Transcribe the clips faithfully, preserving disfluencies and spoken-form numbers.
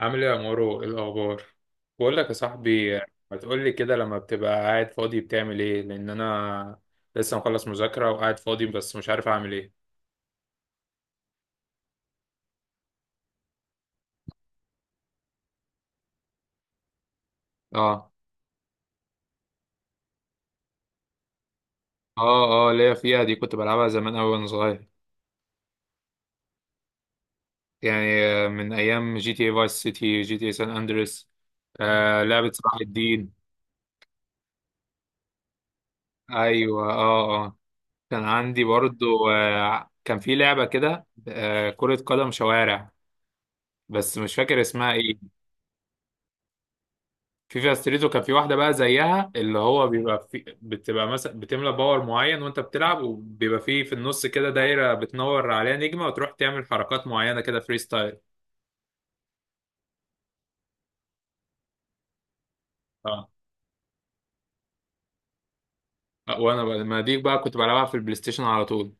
عامل ايه يا مورو، ايه الاخبار؟ بقول لك يا صاحبي، ما تقول لي كده، لما بتبقى قاعد فاضي بتعمل ايه؟ لان انا لسه مخلص مذاكرة وقاعد فاضي بس مش عارف اعمل ايه. اه اه اه، ليا فيها دي، كنت بلعبها زمان أوي وانا صغير. يعني آه، من ايام جي تي اي فايس سيتي، جي تي اي سان اندريس، آه لعبة صلاح الدين. ايوه، اه اه. كان عندي برضو آه كان في لعبة كده آه كرة قدم شوارع، بس مش فاكر اسمها ايه. فيفا ستريتو، كان في واحده بقى زيها، اللي هو بيبقى في، بتبقى مثلا بتملى باور معين وانت بتلعب، وبيبقى فيه في النص كده دايره بتنور عليها نجمه، وتروح تعمل حركات معينه كده، فري ستايل. اه، وانا بقى ما دي بقى كنت بلعبها في البلاي ستيشن على طول.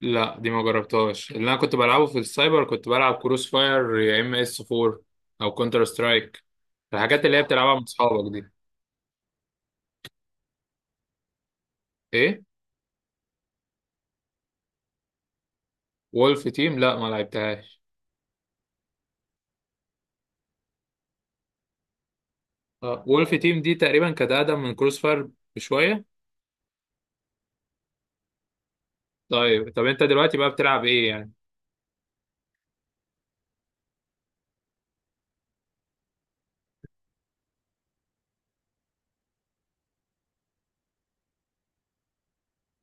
لا، دي ما جربتهاش. اللي انا كنت بلعبه في السايبر كنت بلعب كروس فاير، يا ام اس فور، او كونتر سترايك. الحاجات اللي هي بتلعبها مع اصحابك دي. ايه؟ وولف تيم لا، ما لعبتهاش. اه، وولف تيم دي تقريبا كانت اقدم من كروس فاير بشويه. طيب، طب انت دلوقتي بقى بتلعب ايه يعني؟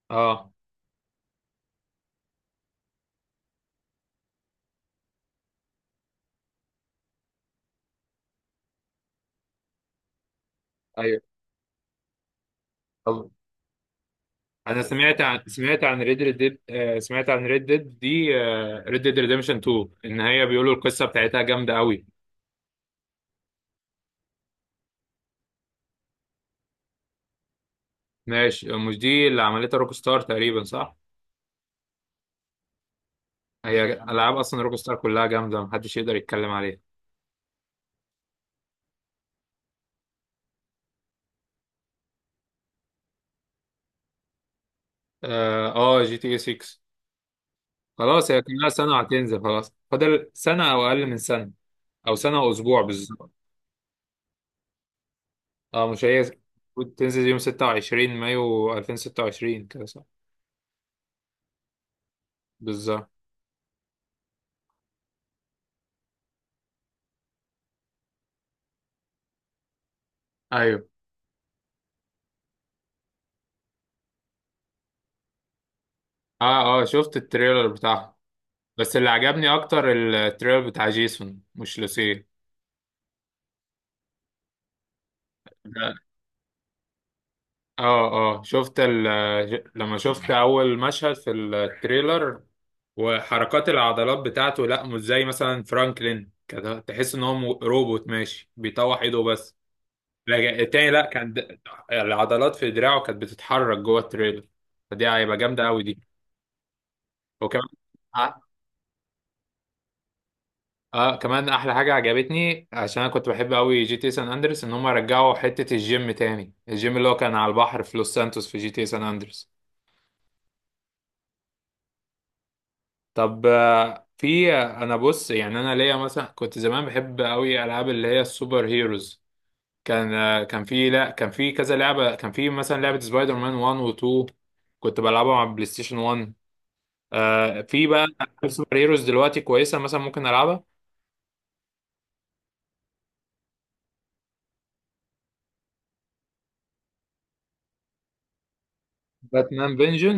اه، ايوه. طب انا سمعت عن سمعت عن ريد ديد، آه سمعت عن ريد ديد دي، ريد ديد ريديمشن اتنين، ان هي بيقولوا القصه بتاعتها جامده قوي. ماشي، مش دي اللي عملتها روك ستار تقريبا، صح؟ هي العاب اصلا روك ستار كلها جامده، محدش يقدر يتكلم عليها. اه، آه، جي تي اي سيكس، خلاص هي كلها سنه وهتنزل، خلاص فاضل سنه او اقل من سنه، او سنه واسبوع بالظبط. اه، مش هي المفروض تنزل يوم ستة وعشرين مايو ألفين وستة وعشرين، كده صح؟ بالظبط. ايوه، اه اه، شفت التريلر بتاعها، بس اللي عجبني اكتر التريلر بتاع جيسون مش لوسيه. ده- اه اه، شفت ال ج- لما شفت اول مشهد في التريلر وحركات العضلات بتاعته، لا مش زي مثلا فرانكلين كده، تحس ان هو م- روبوت ماشي بيطوح ايده بس، لكن التاني لا، كان د- العضلات في دراعه كانت بتتحرك جوه التريلر، فدي هيبقى جامده قوي دي. وكمان، اه، كمان احلى حاجه عجبتني، عشان انا كنت بحب قوي جي تي سان اندرس، ان هم رجعوا حته الجيم تاني، الجيم اللي هو كان على البحر في لوس سانتوس في جي تي سان اندرس. طب، آه، في آه، انا بص، يعني انا ليا مثلا كنت زمان بحب قوي العاب اللي هي السوبر هيروز. كان آه، كان في لا كان في كذا لعبه، كان في مثلا لعبه سبايدر مان وان و تو، كنت بلعبها مع بلاي ستيشن وان. آه في بقى العاب سوبر هيروز دلوقتي كويسه مثلا ممكن العبها. باتمان فينجن.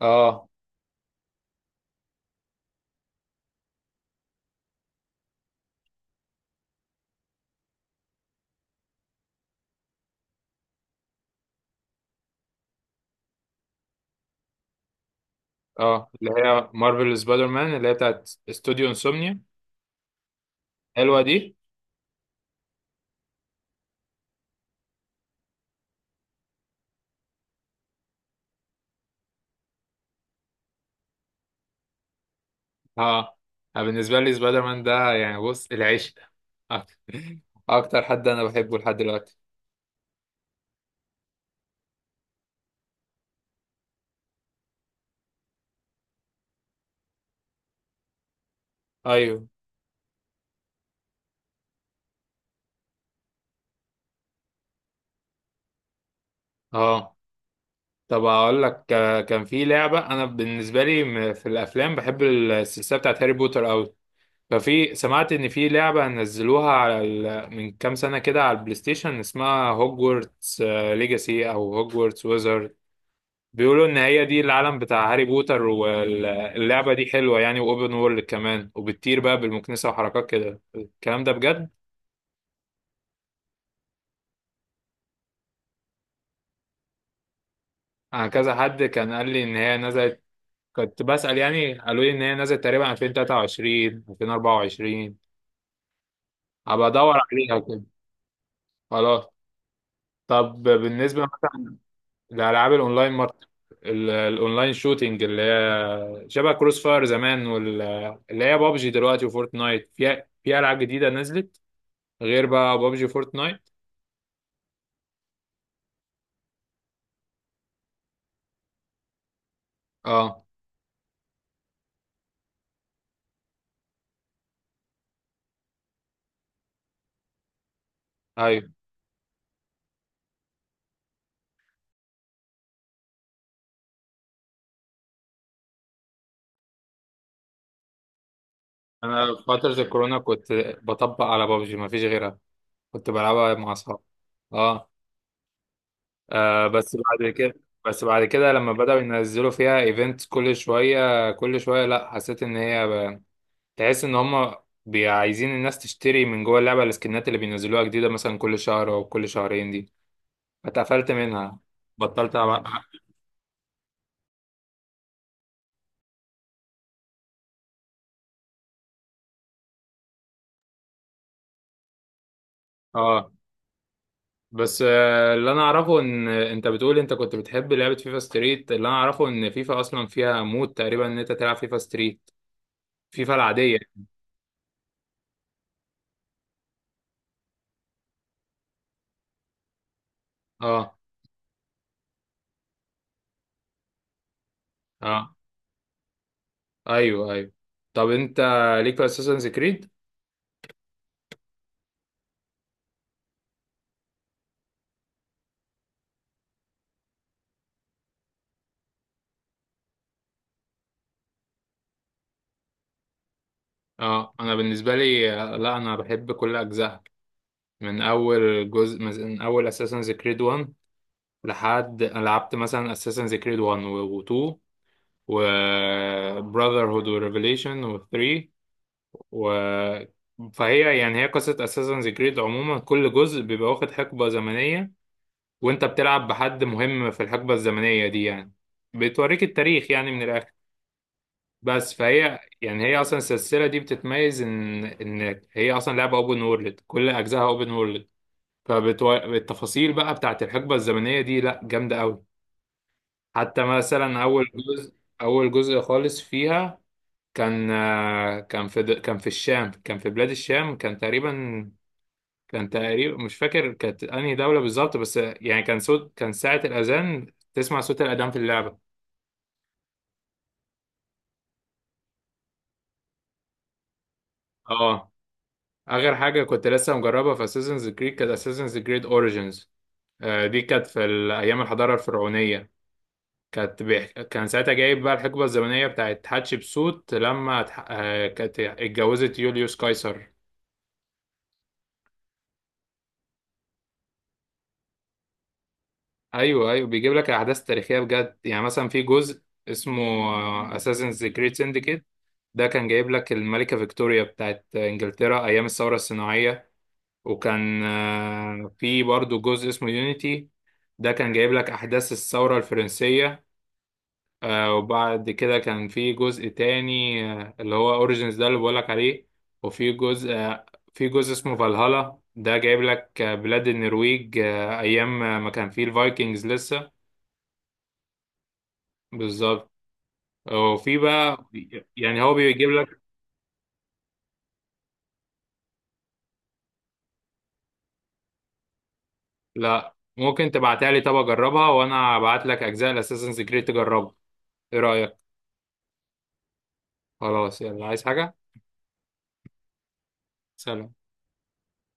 اه، اه، اللي هي مارفل سبايدر مان، اللي هي بتاعت استوديو انسومنيا. حلوه دي. اه، أنا بالنسبه لي سبايدر مان ده يعني، بص، العشق. اكتر حد انا بحبه لحد دلوقتي. ايوه، اه، طب اقول لك، آه، كان في لعبه، انا بالنسبه لي م- في الافلام بحب السلسله بتاعت هاري بوتر قوي. ففي، سمعت ان في لعبه نزلوها على ال... من كام سنه كده على البلاي ستيشن، اسمها هوجورتس ليجاسي او هوجورتس. بيقولوا ان هي دي العالم بتاع هاري بوتر، واللعبة دي حلوة يعني، واوبن وورلد كمان، وبتطير بقى بالمكنسة وحركات كده الكلام ده بجد. انا كذا حد كان قال لي ان هي نزلت، كنت بسأل يعني، قالوا لي ان هي نزلت تقريبا ألفين وتلاتة وعشرين، ألفين واربعة وعشرين. هبقى ادور عليها كده. خلاص. طب بالنسبة مثلا لألعاب الأونلاين ماركت، ال- الأونلاين شوتينج، اللي هي شبه كروس فاير زمان، واللي هي بابجي دلوقتي وفورتنايت، في في ألعاب جديدة نزلت غير بقى بابجي؟ اه، ايوه. انا في فترة الكورونا كنت بطبق على بابجي، ما فيش غيرها. كنت بلعبها مع اصحابي. اه، آه، بس بعد كده بس بعد كده لما بدأوا ينزلوا فيها ايفنت كل شوية كل شوية، لا حسيت ان هي ب... تحس ان هم بي- عايزين الناس تشتري من جوه اللعبة السكنات اللي بينزلوها جديدة، مثلا كل شهر او كل شهرين دي، اتقفلت منها، بطلت ألعب. اه، بس آه، اللي انا اعرفه ان انت بتقول انت كنت بتحب لعبة فيفا ستريت، اللي انا اعرفه ان فيفا اصلا فيها مود تقريبا ان انت تلعب فيفا ستريت، فيفا العادية يعني. اه، اه، ايوه، ايوه. طب انت ليك في اساسنز كريد؟ اه، انا بالنسبة لي آه، لا، انا بحب كل اجزائها، من اول جزء، من اول اساسنز كريد وان، لحد أنا لعبت مثلا اساسنز كريد واحد وتو وبراذر هود وريفيليشن وثري و فهي يعني، هي قصة Assassin's Creed عموما، كل جزء بيبقى واخد حقبة زمنية، وانت بتلعب بحد مهم في الحقبة الزمنية دي يعني، بتوريك التاريخ يعني من الآخر. بس فهي يعني، هي أصلا السلسلة دي بتتميز إن إن هي أصلا لعبة أوبن وورلد، كل أجزائها أوبن وورلد. فالتفاصيل بقى بتاعت الحقبة الزمنية دي لأ، جامدة أوي. حتى مثلا أول جزء، أول جزء خالص فيها، كان آه، كان في د- كان في الشام، كان في بلاد الشام، كان تقريبا، كان تقريبا مش فاكر كانت انهي دولة بالظبط، بس يعني كان صوت، كان ساعة الأذان تسمع صوت الأذان في اللعبة. اه، آخر حاجة كنت لسه مجربها في اساسنز كريد كانت اساسنز كريد اوريجينز، دي كانت في ال- أيام الحضارة الفرعونية، كانت بيح... كان ساعتها جايب بقى الحقبة الزمنية بتاعت حتشبسوت، لما اتح... آه، كانت اتجوزت يوليوس قيصر. أيوه، أيوه، بيجيب لك الأحداث التاريخية بجد يعني، مثلا في جزء اسمه اساسنز كريد، ده كان جايب لك الملكة فيكتوريا بتاعت إنجلترا أيام الثورة الصناعية. وكان آه، في برضو جزء اسمه يونيتي، ده كان جايب لك أحداث الثورة الفرنسية. آه، وبعد كده كان في جزء تاني، آه، اللي هو أوريجينز ده اللي بقولك عليه. وفي جزء آه، في جزء اسمه فالهالا، ده جايب لك آه، بلاد النرويج آه، أيام ما كان فيه الفايكنجز لسه. بالظبط. وفي بقى، يعني هو بيجيب لك، لا، ممكن تبعتها لي، طب اجربها وانا ابعت لك اجزاء الاساسنز كريد تجربها، ايه رايك؟ خلاص، يلا، عايز حاجه؟ سلام.